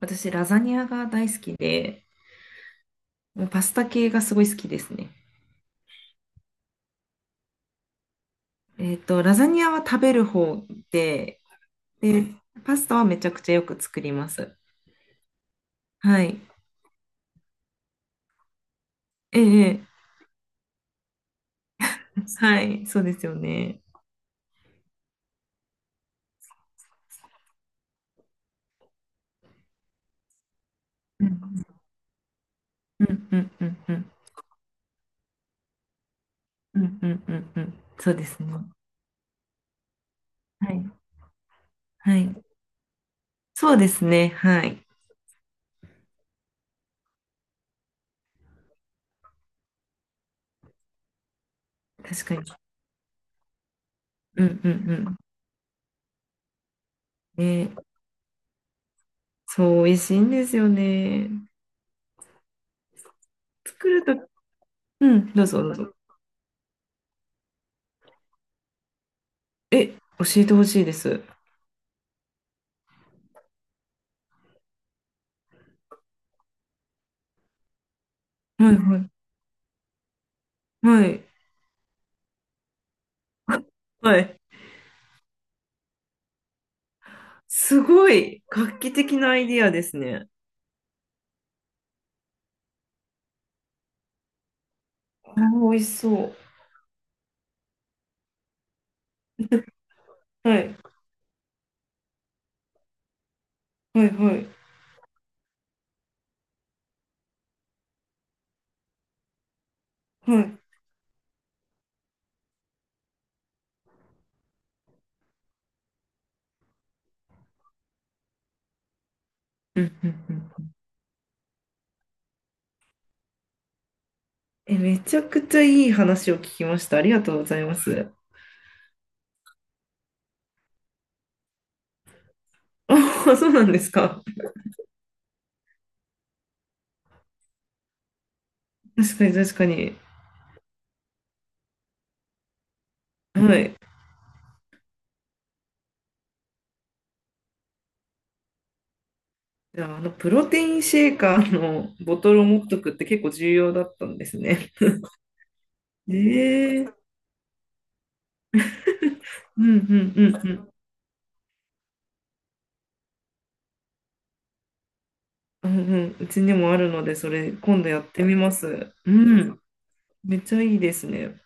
私、ラザニアが大好きで、もうパスタ系がすごい好きですね。ラザニアは食べる方で、で、パスタはめちゃくちゃよく作ります。はい。ええ、ええ、はい、そうですよね。うん、うん、うん、うん、うん、うん、うん、うんうんそうですね。はい、はい。そうですね、はい。確かに。うん、うん、うん。そう、美味しいんですよね。作ると、うん、どうぞ、どうぞ。え、教えてほしいです。はい、はい。はいはい。すごい画期的なアイディアですね。あー、美味しそう。はい。はいはい。はい。うんうんうん。え、めちゃくちゃいい話を聞きました。ありがとうございます。あ、そうなんですか。確かに確かに。はい。じゃあ、あの、プロテインシェーカーのボトルを持っとくって結構重要だったんですね。ええうんうんうんうん。うんうん。うちにもあるので、それ今度やってみます。うん。めっちゃいいですね。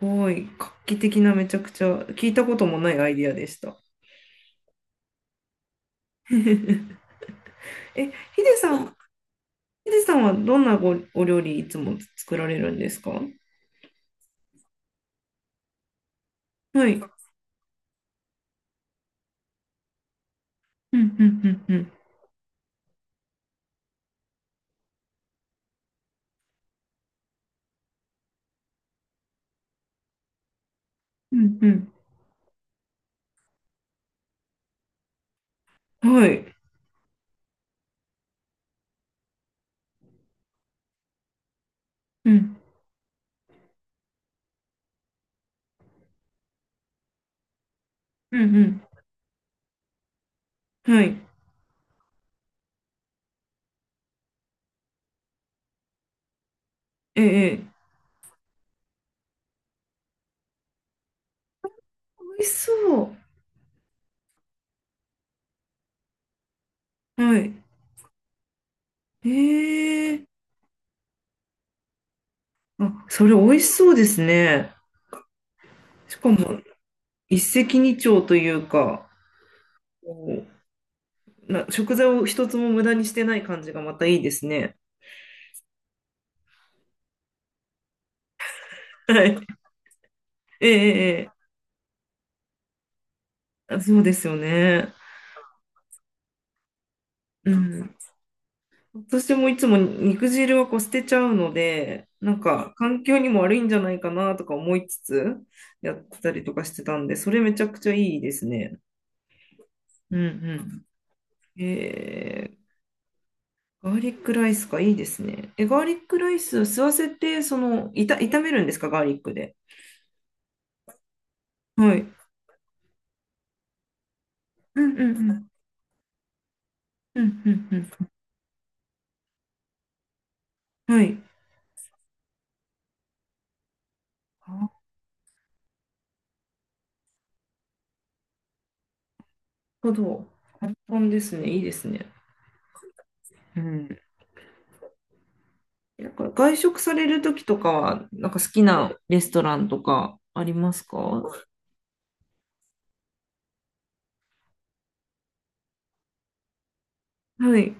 ごい、画期的なめちゃくちゃ聞いたこともないアイディアでした。え、ヒデさんはどんなごお料理いつも作られるんですか？はい。うんうんうんうんうんうんはい。うんうんうんはい。ええ。ええ美味しそう。はい。ええ。あ、それ美味しそうですね。しかも、一石二鳥というか、こうな、食材を一つも無駄にしてない感じがまたいいですね。はい。ええ。ええ、あ、そうですよね。うん。私もいつも肉汁はこう捨てちゃうので、なんんか環境にも悪いんじゃないかなとか思いつつやってたりとかしてたんで、それめちゃくちゃいいですね。うんうん。ガーリックライスか、いいですね。え、ガーリックライス吸わせて、炒めるんですか、ガーリックで。はい。うんうんうん。うんうんうん。はい。なるほど。簡単ですね。いいですね。うん、なんから外食されるときとかは、なんか好きなレストランとかありますか？はい。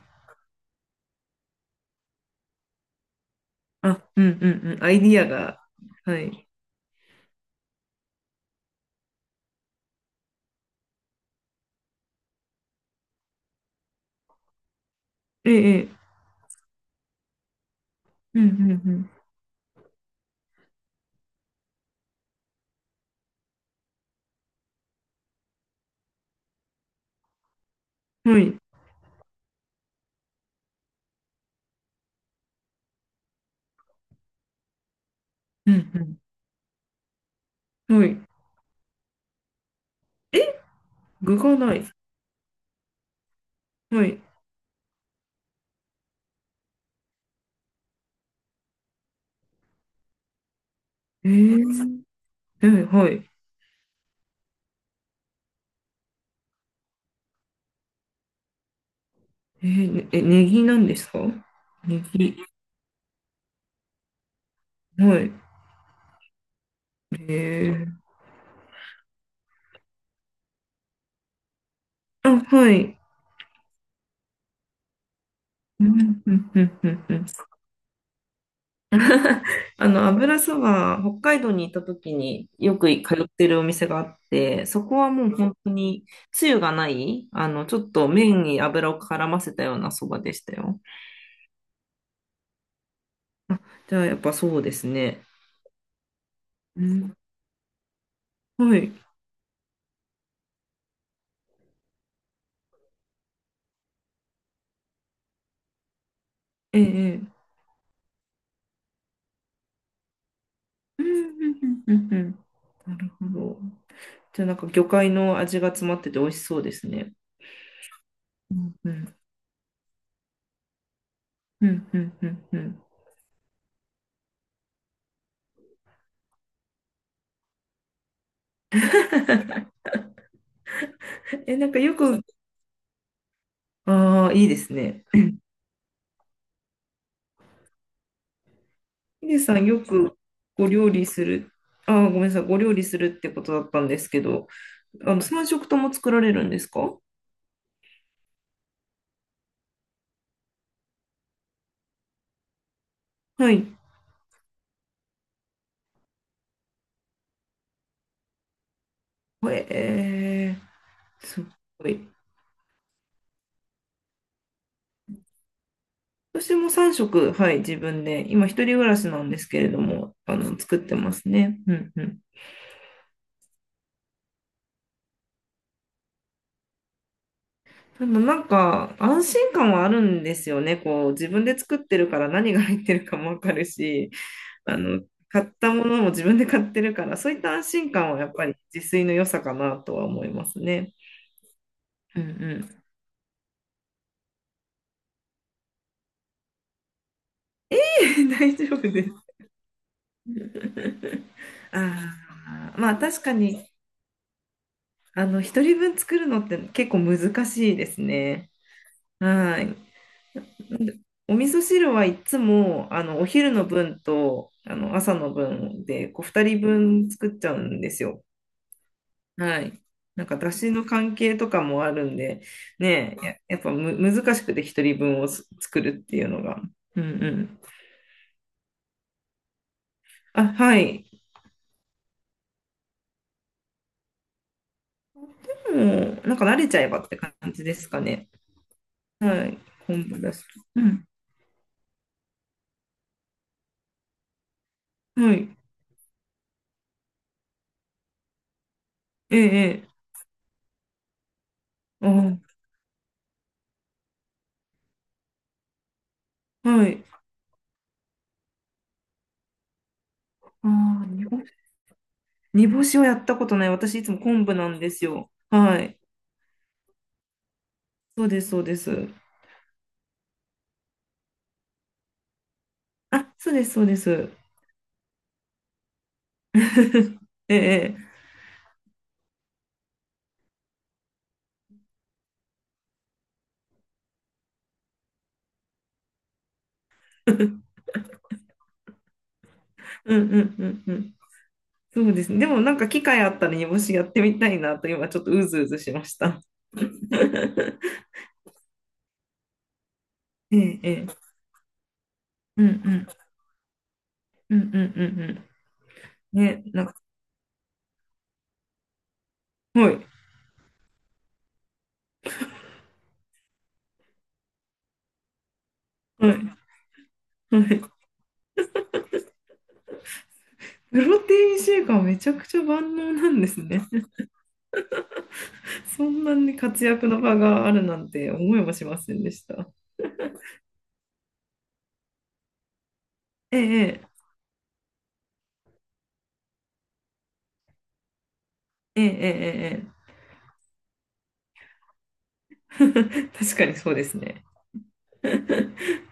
あ、うんうんうん。アイディアが。はい。ええ、ええうんうんうん。はい。うんうん。はい。え、具がない。はい。ええははい。ええ、ねえ、ネギなんですか？ネギ。はい。ええ、あ、はい。うんうんうんうんうん。油そば、北海道に行った時によく通ってるお店があって、そこはもう本当につゆがない、ちょっと麺に油を絡ませたようなそばでしたよ。あ、じゃあやっぱそうですね。うん、はい。ええ、ええうんうんうんうんうんなるほど。じゃあなんか魚介の味が詰まってて美味しそうですね。うんうんうんうんうんうん。え、なんかよく、ああ、いいですね。ヒデさん、よくご料理する、ごめんなさい、ご料理するってことだったんですけど、3食とも作られるんですか？はい。えすごい。私も3食、はい、自分で、今、一人暮らしなんですけれども、作ってますね。うんうん。でもなんか、安心感はあるんですよね。こう、自分で作ってるから何が入ってるかもわかるし、あの、買ったものも自分で買ってるから、そういった安心感はやっぱり自炊の良さかなとは思いますね。うんうん。大丈夫です。ああ、まあ確かに、一人分作るのって結構難しいですね。はい。お味噌汁はいつも、お昼の分と、朝の分で、こう、二人分作っちゃうんですよ。はい。なんか、だしの関係とかもあるんで、ねえ、やっぱむ難しくて一人分をす作るっていうのが。うんうん。あ、はい。もう、なんか慣れちゃえばって感じですかね。はい。昆布だしと。うん。はい。ええ、ええ。ああ、はい。ああ、煮干しをやったことない。私、いつも昆布なんですよ。はい。そうです、そうです。あ、そうです、そうです。ええ、ええ。うんうんうんうん。そうですね。でもなんか機会あったら煮干しやってみたいなと今ちょっとうずうずしました。ええ、ええ。うんうん。うんうんうんうん。ね、なんか、はい。はい。はい。プロテインシェイカーめちゃくちゃ万能なんですね。そんなに活躍の場があるなんて思いもしませんでした。ええ、ええ、ええ、ええ。ええ、確かにそうですね。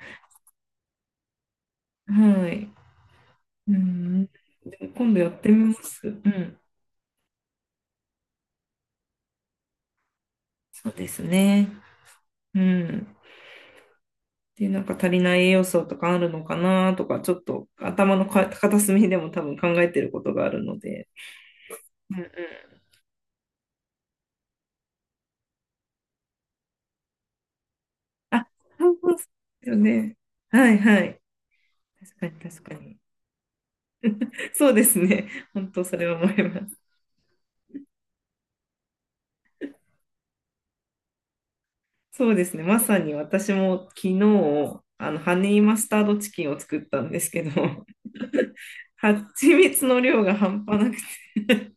はい。うん。でも今度やってみます。うん。そうですね。うん。で、なんか足りない栄養素とかあるのかなとか、ちょっと頭のか片隅でも多分考えてることがあるので。うんうん。あ、そうですよね。はいはい。確かに確かに。そうですね。本当それは思います。そうですね。まさに私も昨日、ハニーマスタードチキンを作ったんですけど、蜂蜜の量が半端なくて、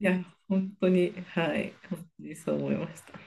いや、本当に、はい、本当にそう思いました。